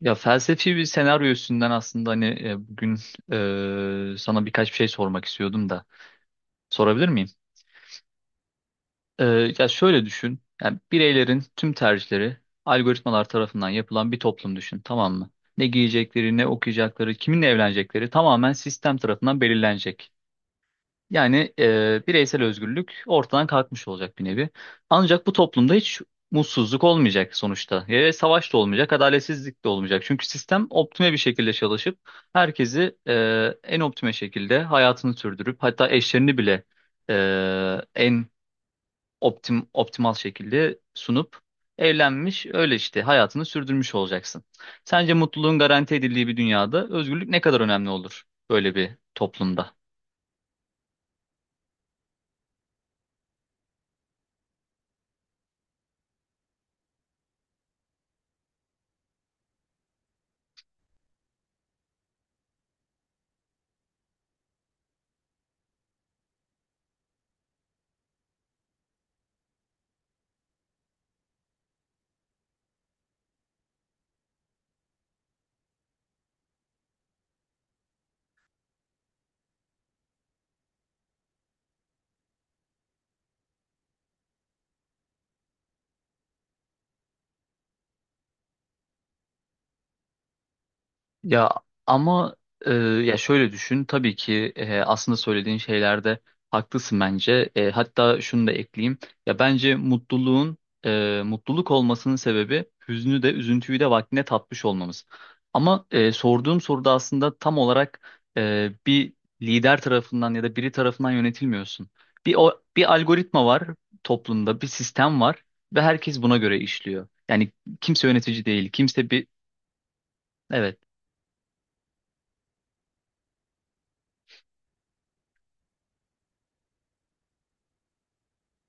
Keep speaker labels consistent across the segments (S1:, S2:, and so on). S1: Ya felsefi bir senaryo üstünden aslında hani bugün sana birkaç bir şey sormak istiyordum da sorabilir miyim? E, Ya şöyle düşün. Yani bireylerin tüm tercihleri algoritmalar tarafından yapılan bir toplum düşün, tamam mı? Ne giyecekleri, ne okuyacakları, kiminle evlenecekleri tamamen sistem tarafından belirlenecek. Yani bireysel özgürlük ortadan kalkmış olacak bir nevi. Ancak bu toplumda hiç mutsuzluk olmayacak sonuçta. Ve savaş da olmayacak, adaletsizlik de olmayacak. Çünkü sistem optime bir şekilde çalışıp herkesi en optime şekilde hayatını sürdürüp hatta eşlerini bile e, en optimal şekilde sunup evlenmiş öyle işte hayatını sürdürmüş olacaksın. Sence mutluluğun garanti edildiği bir dünyada özgürlük ne kadar önemli olur böyle bir toplumda? Ya ama ya şöyle düşün tabii ki aslında söylediğin şeylerde haklısın bence. E, hatta şunu da ekleyeyim. Ya bence mutluluğun mutluluk olmasının sebebi hüznü de üzüntüyü de vaktine tatmış olmamız. Ama sorduğum soruda aslında tam olarak bir lider tarafından ya da biri tarafından yönetilmiyorsun. Bir algoritma var toplumda, bir sistem var ve herkes buna göre işliyor. Yani kimse yönetici değil, kimse bir evet.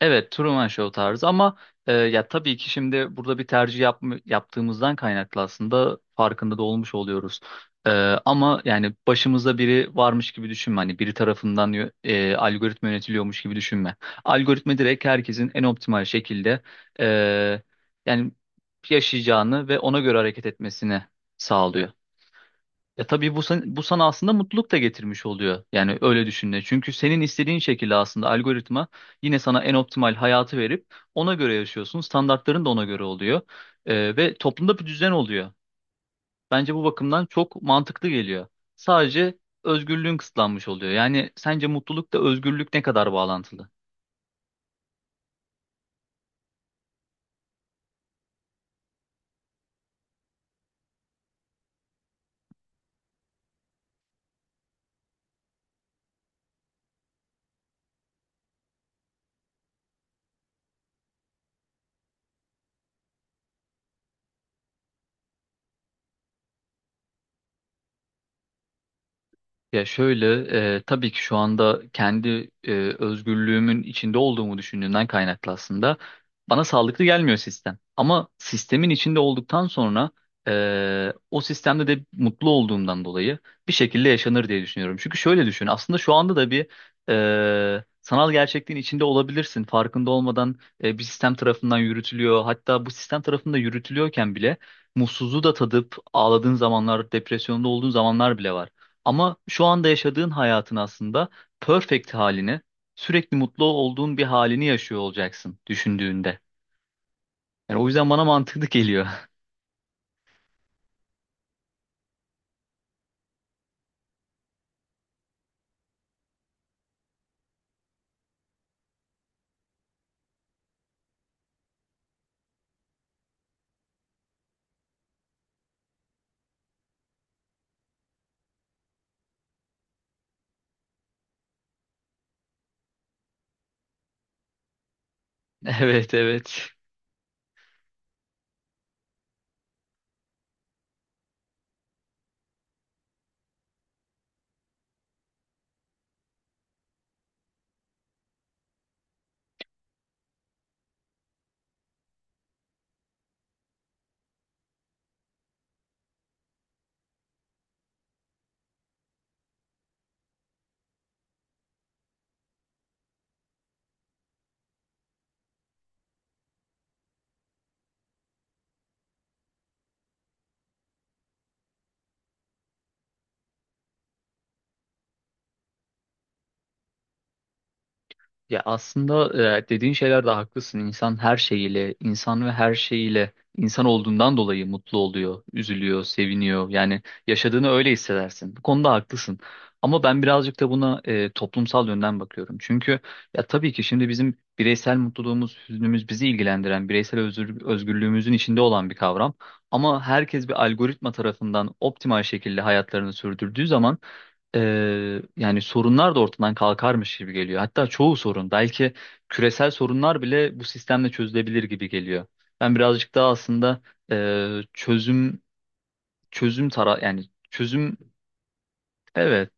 S1: Evet, Truman Show tarzı ama ya tabii ki şimdi burada bir tercih yapma, yaptığımızdan kaynaklı aslında farkında da olmuş oluyoruz. E, ama yani başımızda biri varmış gibi düşünme. Hani biri tarafından algoritma yönetiliyormuş gibi düşünme. Algoritma direkt herkesin en optimal şekilde e, yani yaşayacağını ve ona göre hareket etmesini sağlıyor. Ya tabii bu sana aslında mutluluk da getirmiş oluyor. Yani öyle düşündüğünde. Çünkü senin istediğin şekilde aslında algoritma yine sana en optimal hayatı verip ona göre yaşıyorsun. Standartların da ona göre oluyor. Ve toplumda bir düzen oluyor. Bence bu bakımdan çok mantıklı geliyor. Sadece özgürlüğün kısıtlanmış oluyor. Yani sence mutlulukla özgürlük ne kadar bağlantılı? Ya şöyle, tabii ki şu anda kendi özgürlüğümün içinde olduğumu düşündüğümden kaynaklı aslında bana sağlıklı gelmiyor sistem. Ama sistemin içinde olduktan sonra o sistemde de mutlu olduğumdan dolayı bir şekilde yaşanır diye düşünüyorum. Çünkü şöyle düşün, aslında şu anda da bir sanal gerçekliğin içinde olabilirsin. Farkında olmadan bir sistem tarafından yürütülüyor. Hatta bu sistem tarafında yürütülüyorken bile mutsuzluğu da tadıp ağladığın zamanlar, depresyonda olduğun zamanlar bile var. Ama şu anda yaşadığın hayatın aslında perfect halini, sürekli mutlu olduğun bir halini yaşıyor olacaksın düşündüğünde. Yani o yüzden bana mantıklı geliyor. Evet, evet. Ya aslında dediğin şeyler de haklısın. İnsan her şeyiyle, insan ve her şeyiyle insan olduğundan dolayı mutlu oluyor, üzülüyor, seviniyor. Yani yaşadığını öyle hissedersin. Bu konuda haklısın. Ama ben birazcık da buna toplumsal yönden bakıyorum. Çünkü ya tabii ki şimdi bizim bireysel mutluluğumuz, hüznümüz bizi ilgilendiren, bireysel özgürlüğümüzün içinde olan bir kavram. Ama herkes bir algoritma tarafından optimal şekilde hayatlarını sürdürdüğü zaman e, yani sorunlar da ortadan kalkarmış gibi geliyor. Hatta çoğu sorun, belki küresel sorunlar bile bu sistemle çözülebilir gibi geliyor. Ben birazcık daha aslında çözüm çözüm tara yani çözüm evet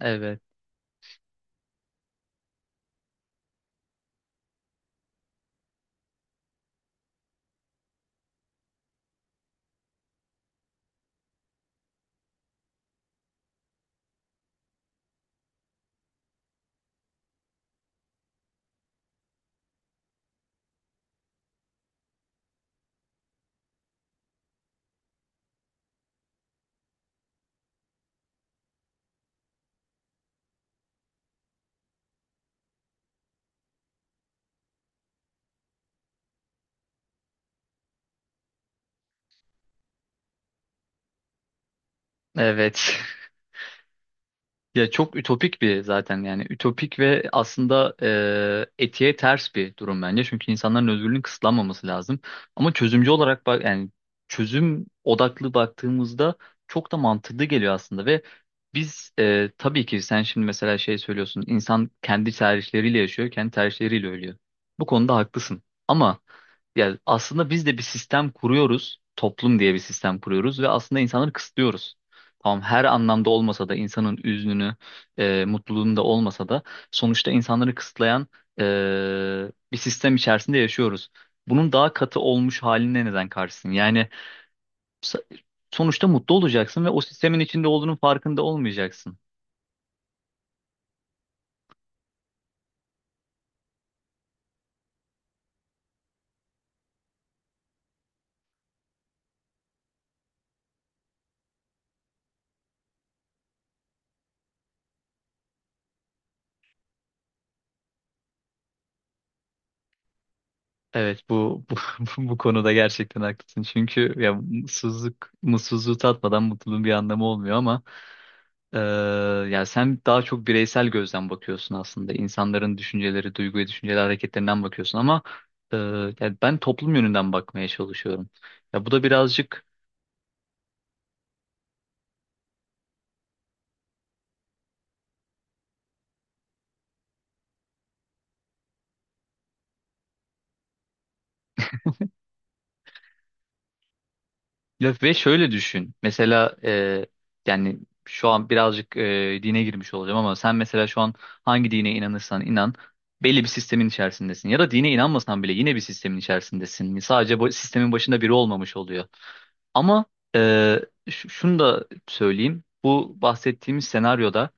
S1: evet evet Ya çok ütopik bir zaten yani ütopik ve aslında etiğe ters bir durum bence. Çünkü insanların özgürlüğünün kısıtlanmaması lazım. Ama çözümcü olarak bak yani çözüm odaklı baktığımızda çok da mantıklı geliyor aslında ve biz tabii ki sen şimdi mesela şey söylüyorsun insan kendi tercihleriyle yaşıyor, kendi tercihleriyle ölüyor. Bu konuda haklısın. Ama yani aslında biz de bir sistem kuruyoruz, toplum diye bir sistem kuruyoruz ve aslında insanları kısıtlıyoruz. Tamam her anlamda olmasa da insanın üzününü, mutluluğunu da olmasa da sonuçta insanları kısıtlayan e, bir sistem içerisinde yaşıyoruz. Bunun daha katı olmuş haline neden karşısın? Yani s- sonuçta mutlu olacaksın ve o sistemin içinde olduğunun farkında olmayacaksın. Evet, bu konuda gerçekten haklısın. Çünkü ya mutsuzluğu tatmadan mutluluğun bir anlamı olmuyor ama Ee, yani sen daha çok bireysel gözden bakıyorsun aslında. İnsanların düşünceleri, duygu ve düşünceleri hareketlerinden bakıyorsun ama e, yani ben toplum yönünden bakmaya çalışıyorum. Ya bu da birazcık ya ve şöyle düşün. Mesela yani şu an birazcık dine girmiş olacağım ama sen mesela şu an hangi dine inanırsan inan belli bir sistemin içerisindesin. Ya da dine inanmasan bile yine bir sistemin içerisindesin. Sadece bu sistemin başında biri olmamış oluyor. Ama e, şunu da söyleyeyim. Bu bahsettiğimiz senaryoda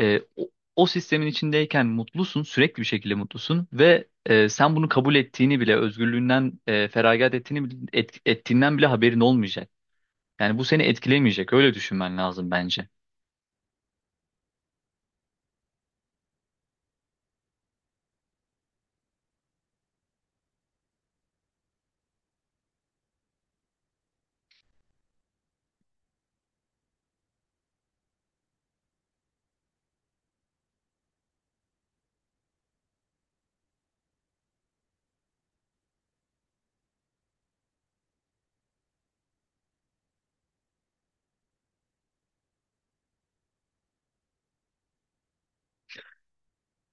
S1: e, o, o sistemin içindeyken mutlusun, sürekli bir şekilde mutlusun ve sen bunu kabul ettiğini bile, özgürlüğünden feragat ettiğinden bile haberin olmayacak. Yani bu seni etkilemeyecek. Öyle düşünmen lazım bence.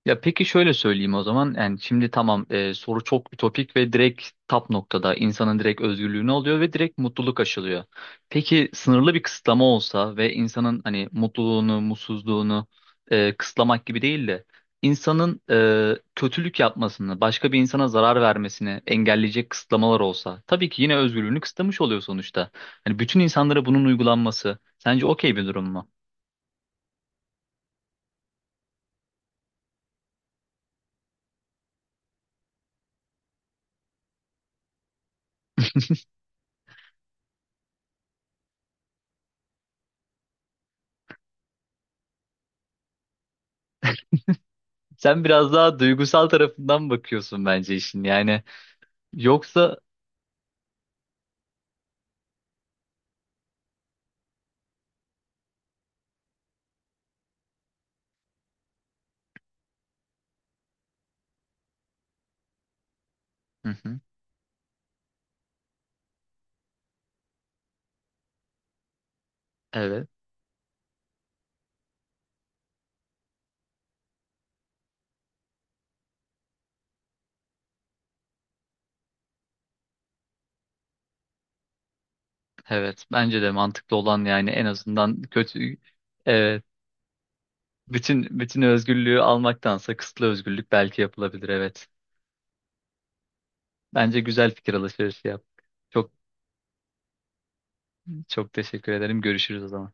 S1: Ya peki şöyle söyleyeyim o zaman. Yani şimdi tamam soru çok ütopik ve direkt tap noktada insanın direkt özgürlüğünü alıyor ve direkt mutluluk aşılıyor. Peki sınırlı bir kısıtlama olsa ve insanın hani mutluluğunu, mutsuzluğunu kısıtlamak gibi değil de insanın kötülük yapmasını, başka bir insana zarar vermesini engelleyecek kısıtlamalar olsa tabii ki yine özgürlüğünü kısıtlamış oluyor sonuçta. Hani bütün insanlara bunun uygulanması sence okey bir durum mu? Sen biraz daha duygusal tarafından bakıyorsun bence işin. Yani Yoksa hı hı. Evet, evet. Bence de mantıklı olan yani en azından kötü evet, bütün özgürlüğü almaktansa kısıtlı özgürlük belki yapılabilir evet. Bence güzel fikir alışverişi yap. Çok çok teşekkür ederim. Görüşürüz o zaman.